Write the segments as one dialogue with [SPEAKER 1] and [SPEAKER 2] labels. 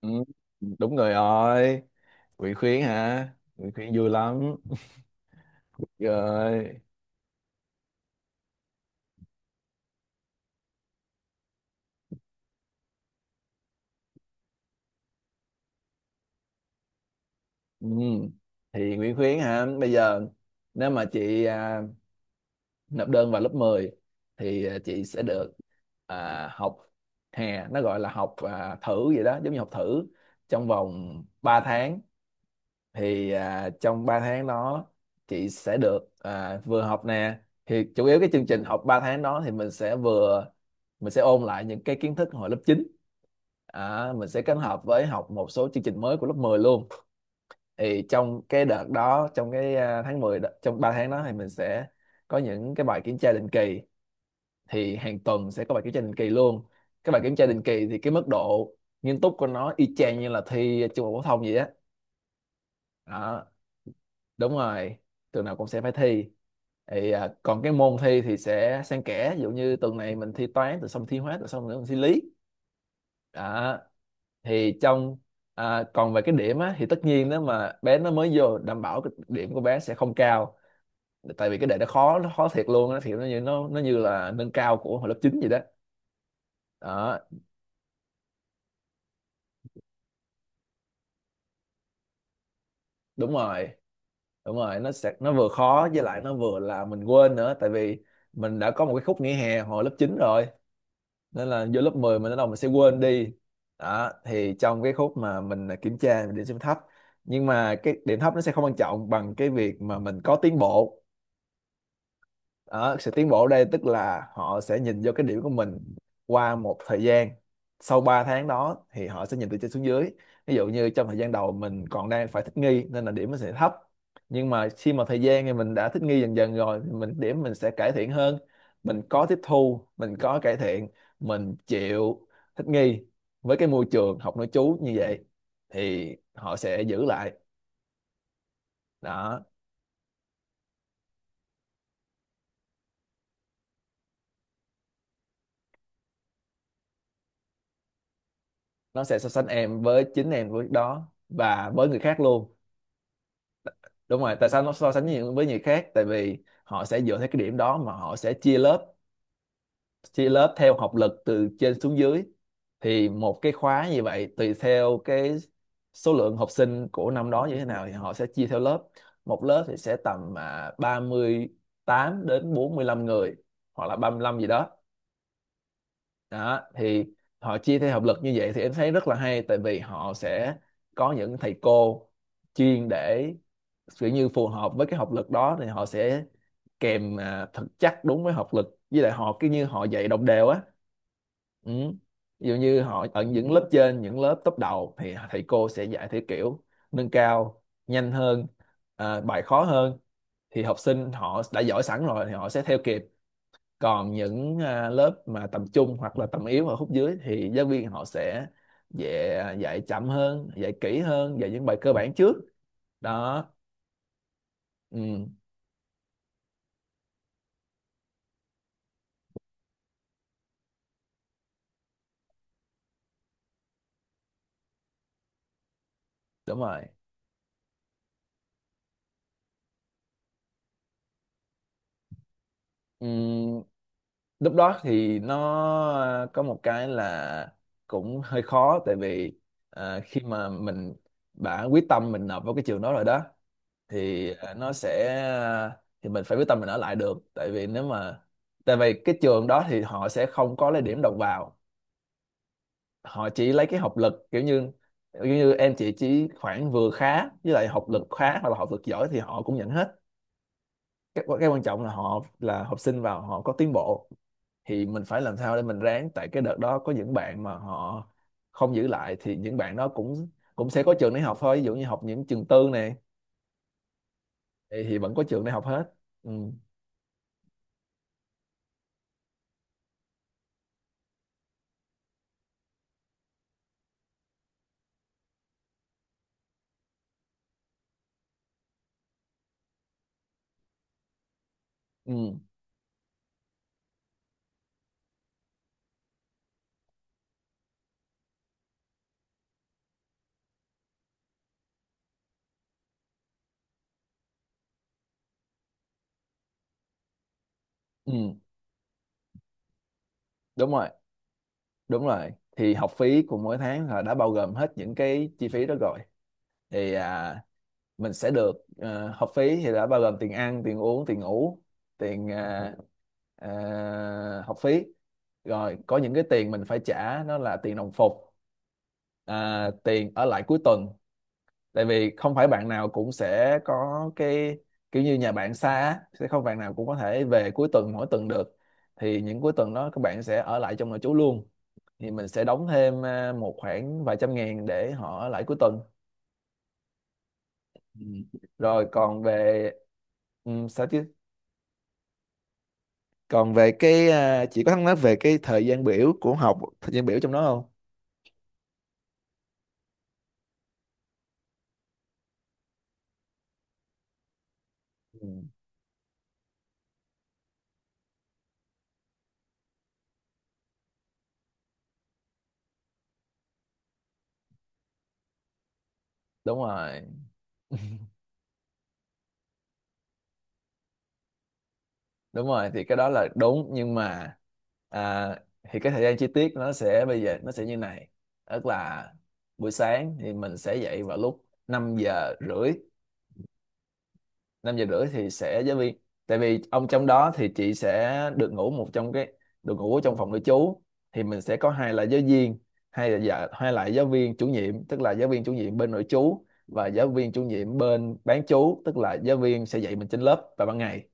[SPEAKER 1] Ừ, đúng rồi rồi Nguyễn Khuyến hả? Nguyễn Khuyến vui lắm. Rồi. Ừ. Thì Nguyễn Khuyến hả, bây giờ nếu mà chị nộp đơn vào lớp 10 thì chị sẽ được học hè, nó gọi là học thử vậy đó, giống như học thử trong vòng 3 tháng. Thì trong 3 tháng đó chị sẽ được vừa học nè, thì chủ yếu cái chương trình học 3 tháng đó thì mình sẽ vừa mình sẽ ôn lại những cái kiến thức hồi lớp chín. Mình sẽ kết hợp với học một số chương trình mới của lớp 10 luôn. Thì trong cái đợt đó, trong 3 tháng đó thì mình sẽ có những cái bài kiểm tra định kỳ. Thì hàng tuần sẽ có bài kiểm tra định kỳ luôn. Cái bài kiểm tra định kỳ thì cái mức độ nghiêm túc của nó y chang như là thi trung học phổ thông vậy á. Đó. Đúng rồi, tuần nào cũng sẽ phải thi. Còn cái môn thi thì sẽ xen kẽ, ví dụ như tuần này mình thi toán rồi xong thi hóa rồi xong nữa mình thi lý. Đó thì còn về cái điểm á thì tất nhiên nếu mà bé nó mới vô, đảm bảo cái điểm của bé sẽ không cao, tại vì cái đề nó khó, nó khó thiệt luôn á, thì nó như là nâng cao của hồi lớp 9 vậy đó. Đó, đúng rồi, đúng rồi. Nó vừa khó với lại nó vừa là mình quên nữa, tại vì mình đã có một cái khúc nghỉ hè hồi lớp 9 rồi, nên là vô lớp 10 mình bắt đầu mình sẽ quên đi. Đó thì trong cái khúc mà mình kiểm tra mình điểm xem thấp, nhưng mà cái điểm thấp nó sẽ không quan trọng bằng cái việc mà mình có tiến bộ. Đó, sự tiến bộ ở đây tức là họ sẽ nhìn vô cái điểm của mình qua một thời gian. Sau 3 tháng đó thì họ sẽ nhìn từ trên xuống dưới, ví dụ như trong thời gian đầu mình còn đang phải thích nghi nên là điểm nó sẽ thấp, nhưng mà khi mà thời gian thì mình đã thích nghi dần dần rồi thì điểm mình sẽ cải thiện hơn. Mình có tiếp thu, mình có cải thiện, mình chịu thích nghi với cái môi trường học nội trú như vậy thì họ sẽ giữ lại. Đó, nó sẽ so sánh em với chính em với đó và với người khác luôn. Đúng rồi, tại sao nó so sánh nhiều với người khác? Tại vì họ sẽ dựa theo cái điểm đó mà họ sẽ chia lớp, chia lớp theo học lực từ trên xuống dưới. Thì một cái khóa như vậy tùy theo cái số lượng học sinh của năm đó như thế nào thì họ sẽ chia theo lớp. Một lớp thì sẽ tầm 38 đến 45 người, hoặc là 35 gì đó. Đó thì họ chia theo học lực như vậy thì em thấy rất là hay, tại vì họ sẽ có những thầy cô chuyên để kiểu như phù hợp với cái học lực đó, thì họ sẽ kèm thật chắc đúng với học lực, với lại họ cứ như họ dạy đồng đều á. Ừ. Ví dụ như họ ở những lớp trên, những lớp top đầu thì thầy cô sẽ dạy theo kiểu nâng cao nhanh hơn, bài khó hơn, thì học sinh họ đã giỏi sẵn rồi thì họ sẽ theo kịp. Còn những lớp mà tầm trung hoặc là tầm yếu ở khúc dưới thì giáo viên họ sẽ dạy chậm hơn, dạy kỹ hơn, dạy những bài cơ bản trước đó. Ừ, đúng rồi. Ừ, lúc đó thì nó có một cái là cũng hơi khó, tại vì khi mà mình đã quyết tâm mình nộp vào cái trường đó rồi đó, thì mình phải quyết tâm mình ở lại được, tại vì nếu mà tại vì cái trường đó thì họ sẽ không có lấy điểm đầu vào. Họ chỉ lấy cái học lực kiểu như em chị chỉ khoảng vừa khá, với lại học lực khá hoặc là học lực giỏi thì họ cũng nhận hết. Cái quan trọng là họ là học sinh vào họ có tiến bộ, thì mình phải làm sao để mình ráng, tại cái đợt đó có những bạn mà họ không giữ lại thì những bạn đó cũng cũng sẽ có trường để học thôi, ví dụ như học những trường tư này thì vẫn có trường để học hết. Ừ. Ừ. Ừ. Đúng rồi, đúng rồi. Thì học phí của mỗi tháng là đã bao gồm hết những cái chi phí đó rồi, thì à, mình sẽ được ờ, học phí thì đã bao gồm tiền ăn, tiền uống, tiền ngủ, tiền học phí. Rồi có những cái tiền mình phải trả, nó là tiền đồng phục, tiền ở lại cuối tuần, tại vì không phải bạn nào cũng sẽ có cái kiểu như nhà bạn xa á, sẽ không bạn nào cũng có thể về cuối tuần mỗi tuần được, thì những cuối tuần đó các bạn sẽ ở lại trong nội trú luôn. Thì mình sẽ đóng thêm một khoảng vài trăm ngàn để họ ở lại cuối tuần. Ừ. Rồi còn về, ừ, sao chứ? Còn về cái chị có thắc mắc về cái thời gian biểu trong đó không? Ừ, đúng rồi, đúng rồi. Thì cái đó là đúng nhưng mà à, thì cái thời gian chi tiết nó sẽ bây giờ nó sẽ như này, tức là buổi sáng thì mình sẽ dậy vào lúc 5 giờ rưỡi. Năm giờ rưỡi thì sẽ giáo viên, tại vì ông trong đó thì chị sẽ được ngủ một trong cái được ngủ ở trong phòng nội trú. Thì mình sẽ có hai là giáo viên hay là dạ, hai lại giáo viên chủ nhiệm, tức là giáo viên chủ nhiệm bên nội trú và giáo viên chủ nhiệm bên bán trú, tức là giáo viên sẽ dạy mình trên lớp vào ban ngày.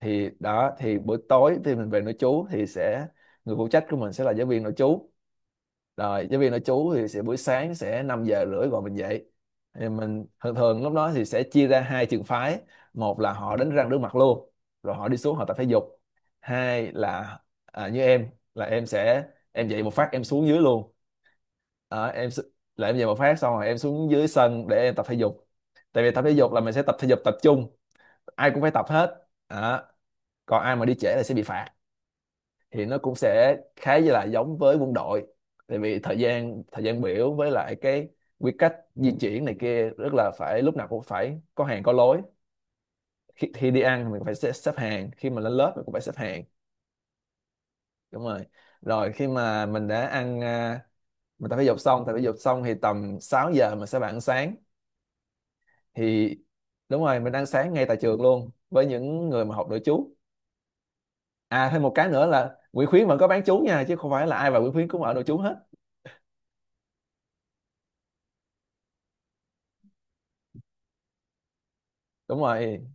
[SPEAKER 1] Thì đó, thì buổi tối thì mình về nội trú thì sẽ người phụ trách của mình sẽ là giáo viên nội trú. Rồi giáo viên nội trú thì sẽ buổi sáng sẽ 5 giờ rưỡi gọi mình dậy. Thì mình thường thường lúc đó thì sẽ chia ra hai trường phái. Một là họ đánh răng rửa mặt luôn rồi họ đi xuống họ tập thể dục. Hai là như em, là em sẽ em dậy một phát em xuống dưới luôn. Đó, là em dậy một phát xong rồi em xuống dưới sân để em tập thể dục, tại vì tập thể dục là mình sẽ tập thể dục tập trung, ai cũng phải tập hết. Đó. Còn ai mà đi trễ là sẽ bị phạt. Thì nó cũng sẽ khá là giống với quân đội, tại vì thời gian biểu với lại cái quy cách di chuyển này kia rất là phải lúc nào cũng phải có hàng có lối. Khi đi ăn thì mình phải xếp hàng, khi mà lên lớp mình cũng phải xếp hàng. Đúng rồi. Rồi khi mà mình đã ăn, mình tập thể dục xong, thì tầm 6 giờ mình sẽ bạn ăn sáng. Thì đúng rồi, mình ăn sáng ngay tại trường luôn với những người mà học nội trú. Thêm một cái nữa là Nguyễn Khuyến vẫn có bán trú nha, chứ không phải là ai vào Nguyễn Khuyến cũng ở nội trú hết. Đúng rồi.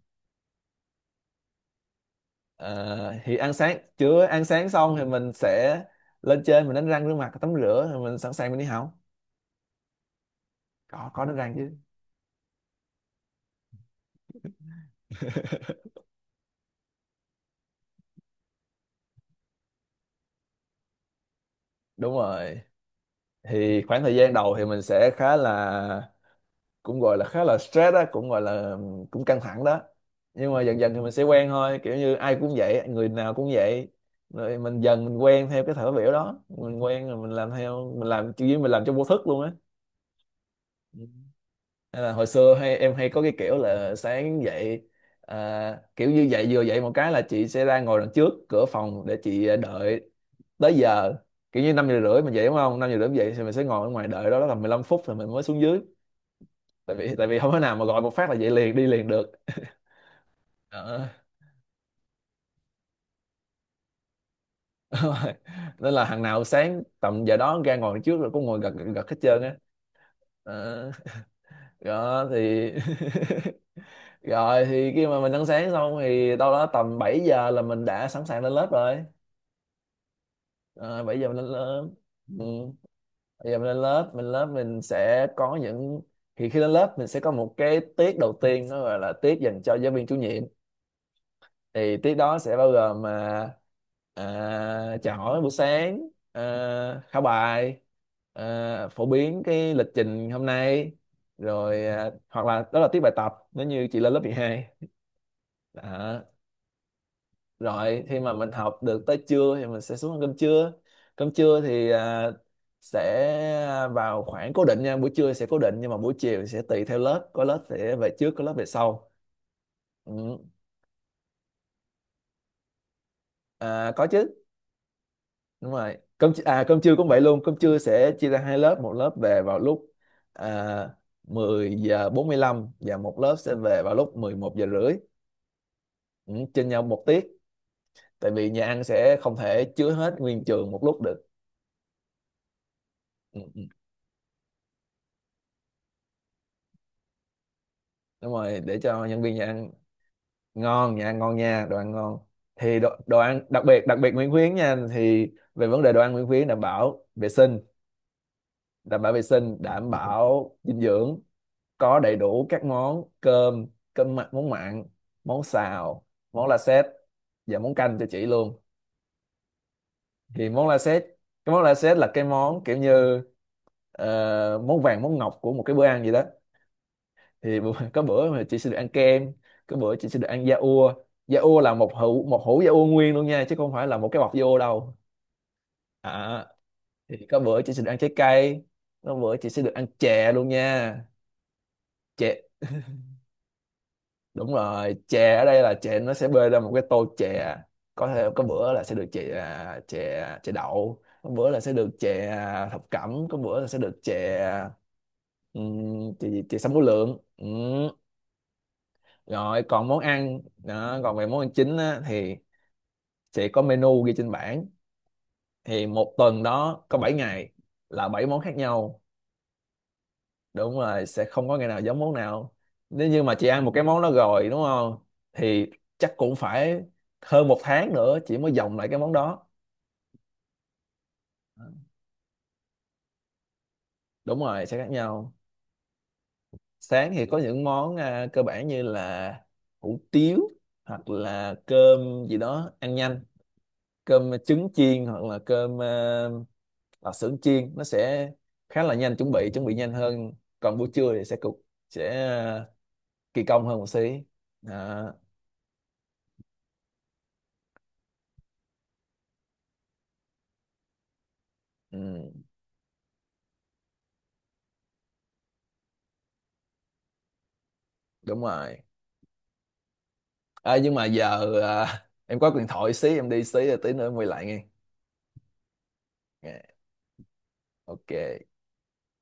[SPEAKER 1] Ờ, thì ăn sáng, chưa ăn sáng xong thì mình sẽ lên trên mình đánh răng rửa mặt tắm rửa rồi mình sẵn sàng mình đi học. Có đánh răng chứ. Đúng rồi. Thì khoảng thời gian đầu thì mình sẽ khá là cũng gọi là khá là stress đó, cũng gọi là cũng căng thẳng đó. Nhưng mà dần dần thì mình sẽ quen thôi, kiểu như ai cũng vậy, người nào cũng vậy. Rồi mình quen theo cái thở biểu đó, mình quen rồi mình làm theo, mình làm chỉ mình làm cho vô thức luôn á. Hay là hồi xưa hay em hay có cái kiểu là sáng dậy, kiểu như vừa dậy một cái là chị sẽ ra ngồi đằng trước cửa phòng để chị đợi tới giờ, kiểu như năm giờ rưỡi mình dậy đúng không, năm giờ rưỡi mình dậy thì mình sẽ ngồi ở ngoài đợi. Đó, đó là 15 phút thì mình mới xuống dưới. Tại vì không thể nào mà gọi một phát là dậy liền đi liền được. Ờ. đúng rồi. Nên là hàng nào sáng tầm giờ đó ra ngồi đằng trước rồi cũng ngồi gật, gật, gật hết trơn á. Ờ. Đó thì... Rồi thì khi mà mình ăn sáng xong thì đâu đó tầm 7 giờ là mình đã sẵn sàng lên lớp rồi. À, 7 giờ mình lên lớp. Ừ. 7 giờ mình lên lớp, mình sẽ có những... Thì khi lên lớp mình sẽ có một cái tiết đầu tiên, nó gọi là tiết dành cho giáo viên chủ nhiệm. Thì tiết đó sẽ bao gồm mà chào hỏi buổi sáng, khảo bài, phổ biến cái lịch trình hôm nay, rồi hoặc là đó là tiết bài tập nếu như chị lên lớp 12. Đó. Rồi khi mà mình học được tới trưa thì mình sẽ xuống ăn cơm trưa. Cơm trưa thì sẽ vào khoảng cố định nha, buổi trưa sẽ cố định, nhưng mà buổi chiều sẽ tùy theo lớp, có lớp sẽ về trước, có lớp về sau. Ừ. À, có chứ. Đúng rồi, cơm chi- à cơm trưa cũng vậy luôn, cơm trưa sẽ chia ra hai lớp, một lớp về vào lúc à, 10 giờ 45 và một lớp sẽ về vào lúc 11 giờ rưỡi. Ừ, trên nhau một tiết. Tại vì nhà ăn sẽ không thể chứa hết nguyên trường một lúc được. Ừ. Ừ. Đúng rồi, để cho nhân viên nhà ăn... Ngon nha, ngon nha, đồ ăn ngon. Thì đồ ăn đặc biệt, đặc biệt Nguyễn Khuyến nha, thì về vấn đề đồ ăn Nguyễn Khuyến đảm bảo vệ sinh, đảm bảo vệ sinh, đảm bảo dinh dưỡng, có đầy đủ các món cơm, cơm mặn, món mặn, món xào, món la sét và món canh cho chị luôn. Thì món la sét, cái món la sét là cái món kiểu như món vàng món ngọc của một cái bữa ăn gì đó. Thì có bữa mà chị sẽ được ăn kem, có bữa chị sẽ được ăn da ua. Da ua là một hũ, một hũ da ua nguyên luôn nha, chứ không phải là một cái bọc da ua đâu. À, thì có bữa chị sẽ được ăn trái cây, có bữa chị sẽ được ăn chè luôn nha. Chè. Đúng rồi, chè ở đây là chè nó sẽ bê ra một cái tô chè, có thể có bữa là sẽ được chè chè chè đậu, có bữa là sẽ được chè thập cẩm, có bữa là sẽ được chè chè, gì? Chè sâm vú lượng. Ừm. Rồi còn món ăn đó, còn về món ăn chính á, thì sẽ có menu ghi trên bảng. Thì một tuần đó có 7 ngày là 7 món khác nhau. Đúng rồi, sẽ không có ngày nào giống món nào. Nếu như mà chị ăn một cái món đó rồi đúng không, thì chắc cũng phải hơn 1 tháng nữa chị mới dòng lại cái món đó. Đúng rồi, sẽ khác nhau. Sáng thì có những món cơ bản như là hủ tiếu hoặc là cơm gì đó ăn nhanh, cơm trứng chiên, hoặc là cơm ở xưởng chiên, nó sẽ khá là nhanh, chuẩn bị nhanh hơn. Còn buổi trưa thì sẽ cục, sẽ kỳ công hơn một xí. Đó. Ừ, đúng rồi. Nhưng mà giờ em có điện thoại xí, em đi xí rồi tí nữa em quay lại nghe. Dạ, ok.